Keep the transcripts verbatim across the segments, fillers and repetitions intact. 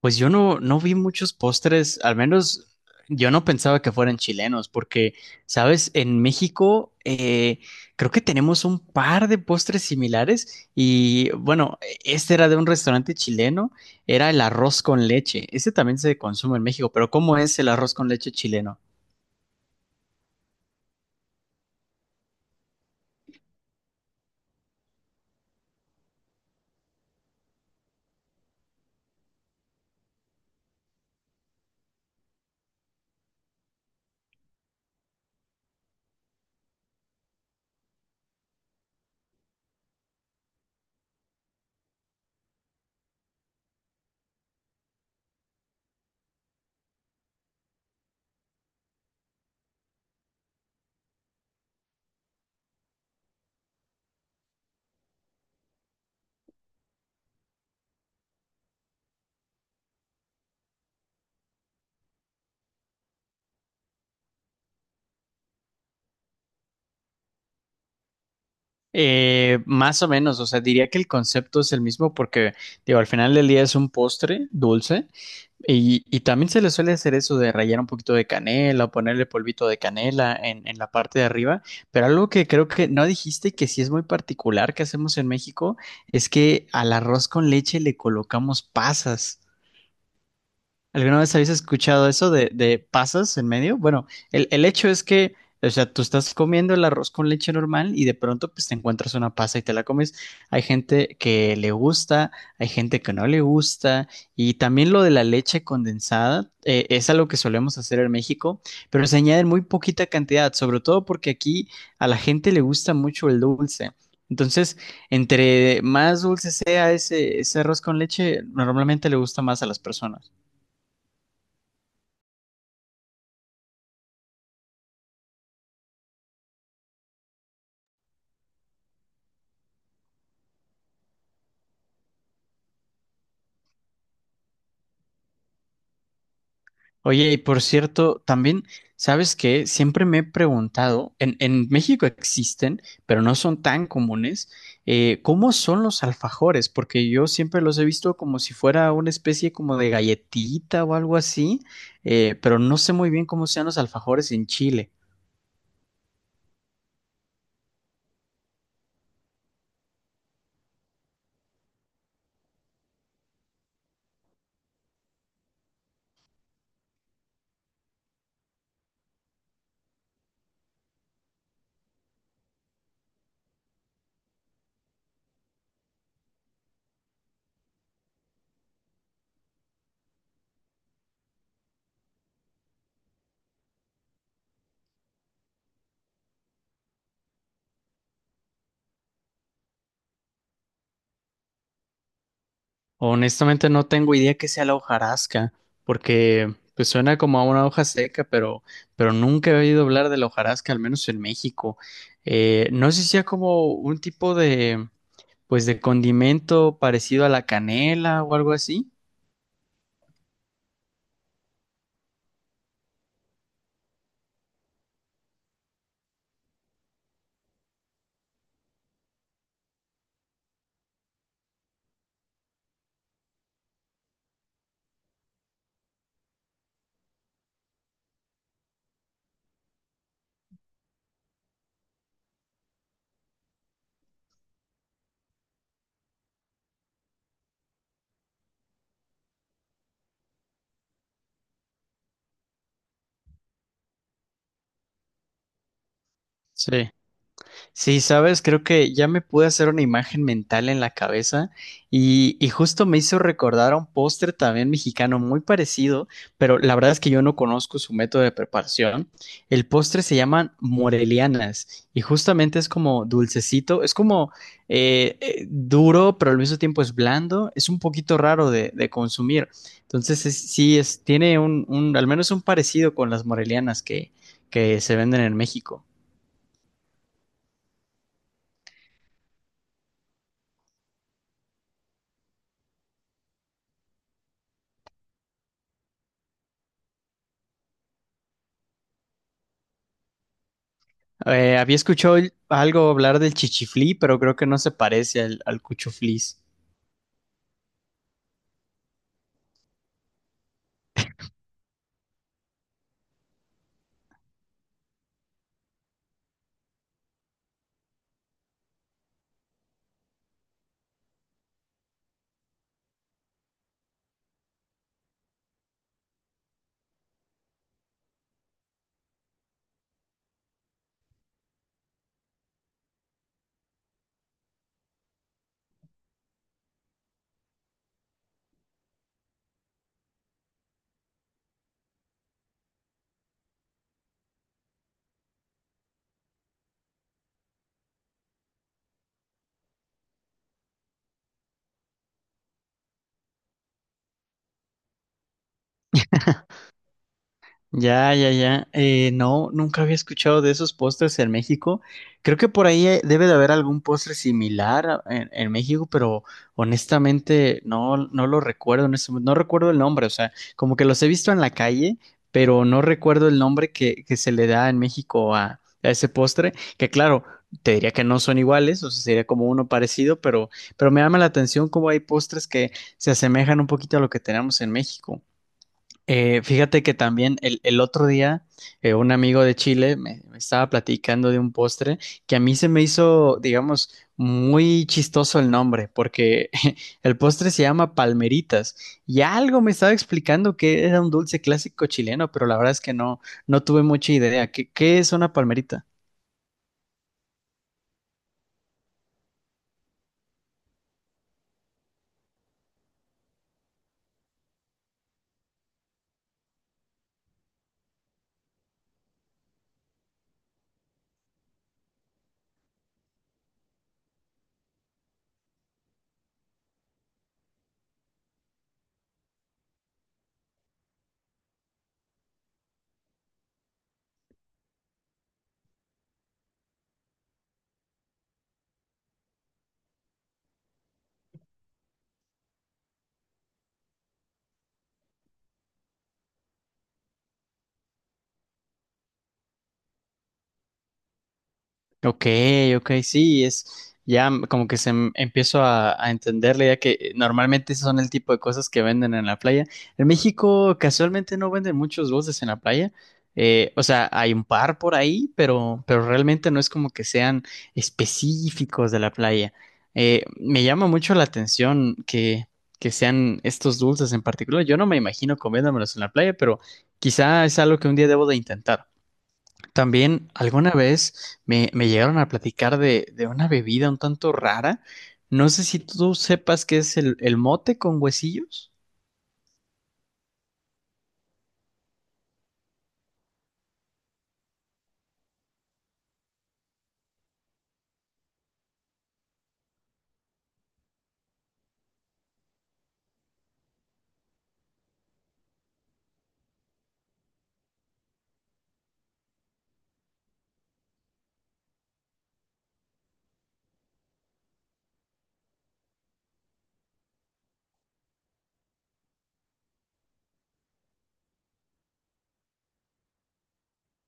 Pues yo no, no vi muchos postres, al menos yo no pensaba que fueran chilenos, porque, sabes, en México eh, creo que tenemos un par de postres similares y bueno, este era de un restaurante chileno, era el arroz con leche, ese también se consume en México, pero ¿cómo es el arroz con leche chileno? Eh, más o menos, o sea, diría que el concepto es el mismo porque, digo, al final del día es un postre dulce y, y también se le suele hacer eso de rallar un poquito de canela o ponerle polvito de canela en, en la parte de arriba, pero algo que creo que no dijiste y que sí es muy particular que hacemos en México es que al arroz con leche le colocamos pasas. ¿Alguna vez habéis escuchado eso de, de pasas en medio? Bueno, el, el hecho es que, o sea, tú estás comiendo el arroz con leche normal y de pronto pues te encuentras una pasa y te la comes. Hay gente que le gusta, hay gente que no le gusta y también lo de la leche condensada eh, es algo que solemos hacer en México, pero se añade en muy poquita cantidad, sobre todo porque aquí a la gente le gusta mucho el dulce. Entonces, entre más dulce sea ese, ese arroz con leche, normalmente le gusta más a las personas. Oye, y por cierto, también, ¿sabes qué? Siempre me he preguntado, en, en México existen, pero no son tan comunes, eh, ¿cómo son los alfajores? Porque yo siempre los he visto como si fuera una especie como de galletita o algo así, eh, pero no sé muy bien cómo sean los alfajores en Chile. Honestamente no tengo idea que sea la hojarasca, porque pues suena como a una hoja seca, pero, pero nunca he oído hablar de la hojarasca, al menos en México. Eh, no sé si sea como un tipo de, pues de condimento parecido a la canela o algo así. Sí. Sí, sabes, creo que ya me pude hacer una imagen mental en la cabeza y, y justo me hizo recordar a un postre también mexicano muy parecido, pero la verdad es que yo no conozco su método de preparación. El postre se llaman morelianas y justamente es como dulcecito, es como eh, eh, duro, pero al mismo tiempo es blando, es un poquito raro de, de consumir. Entonces, es- sí, es, tiene un, un, al menos un parecido con las morelianas que, que se venden en México. Eh, había escuchado algo hablar del chichiflí, pero creo que no se parece al, al cuchuflís. Ya, ya, ya. Eh, no, nunca había escuchado de esos postres en México. Creo que por ahí eh, debe de haber algún postre similar a- en, en México, pero honestamente no, no lo recuerdo en este momento. No recuerdo el nombre, o sea, como que los he visto en la calle, pero no recuerdo el nombre que, que se le da en México a, a ese postre, que claro, te diría que no son iguales, o sea, sería como uno parecido, pero, pero me llama la atención cómo hay postres que se asemejan un poquito a lo que tenemos en México. Eh, fíjate que también el, el otro día eh, un amigo de Chile me, me estaba platicando de un postre que a mí se me hizo, digamos, muy chistoso el nombre, porque el postre se llama palmeritas y algo me estaba explicando que era un dulce clásico chileno, pero la verdad es que no, no tuve mucha idea. ¿Qué, qué es una palmerita? Ok, ok, sí, es ya m- como que se m- empiezo a, a entender la idea que eh, normalmente esos son el tipo de cosas que venden en la playa. En México casualmente no venden muchos dulces en la playa. Eh, o sea, hay un par por ahí, pero, pero realmente no es como que sean específicos de la playa. Eh, me llama mucho la atención que, que sean estos dulces en particular. Yo no me imagino comiéndomelos en la playa, pero quizá es algo que un día debo de intentar. También alguna vez me, me llegaron a platicar de, de una bebida un tanto rara. No sé si tú sepas qué es el, el mote con huesillos.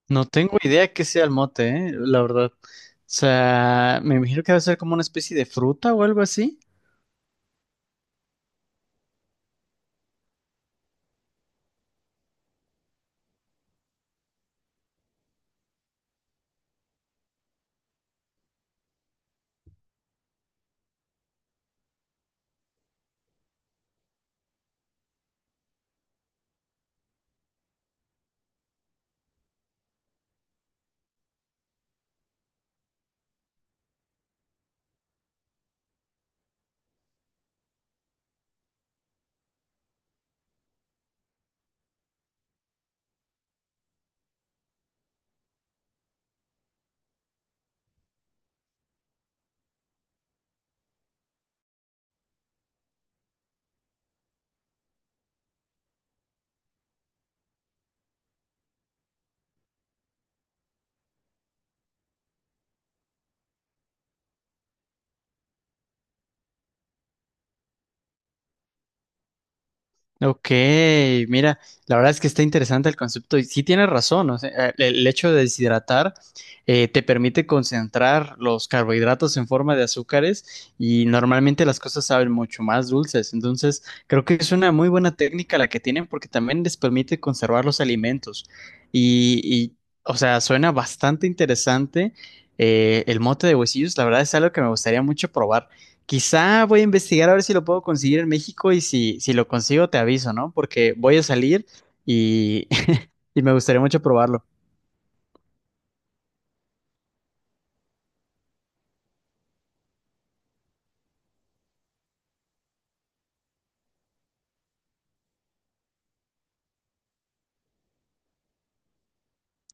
No tengo idea qué sea el mote, eh, la verdad. O sea, me imagino que debe ser como una especie de fruta o algo así. Ok, mira, la verdad es que está interesante el concepto y sí tienes razón, o sea, eh, el el hecho de deshidratar eh, te permite concentrar los carbohidratos en forma de azúcares y normalmente las cosas saben mucho más dulces, entonces creo que es una muy buena técnica la que tienen porque también les permite conservar los alimentos y, y, o sea, suena bastante interesante eh, el mote de huesillos, la verdad es algo que me gustaría mucho probar. Quizá voy a investigar a ver si lo puedo conseguir en México y si, si lo consigo te aviso, ¿no? Porque voy a salir y, y me gustaría mucho probarlo.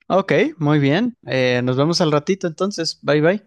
Ok, muy bien. Eh, nos vemos al ratito entonces. Bye bye.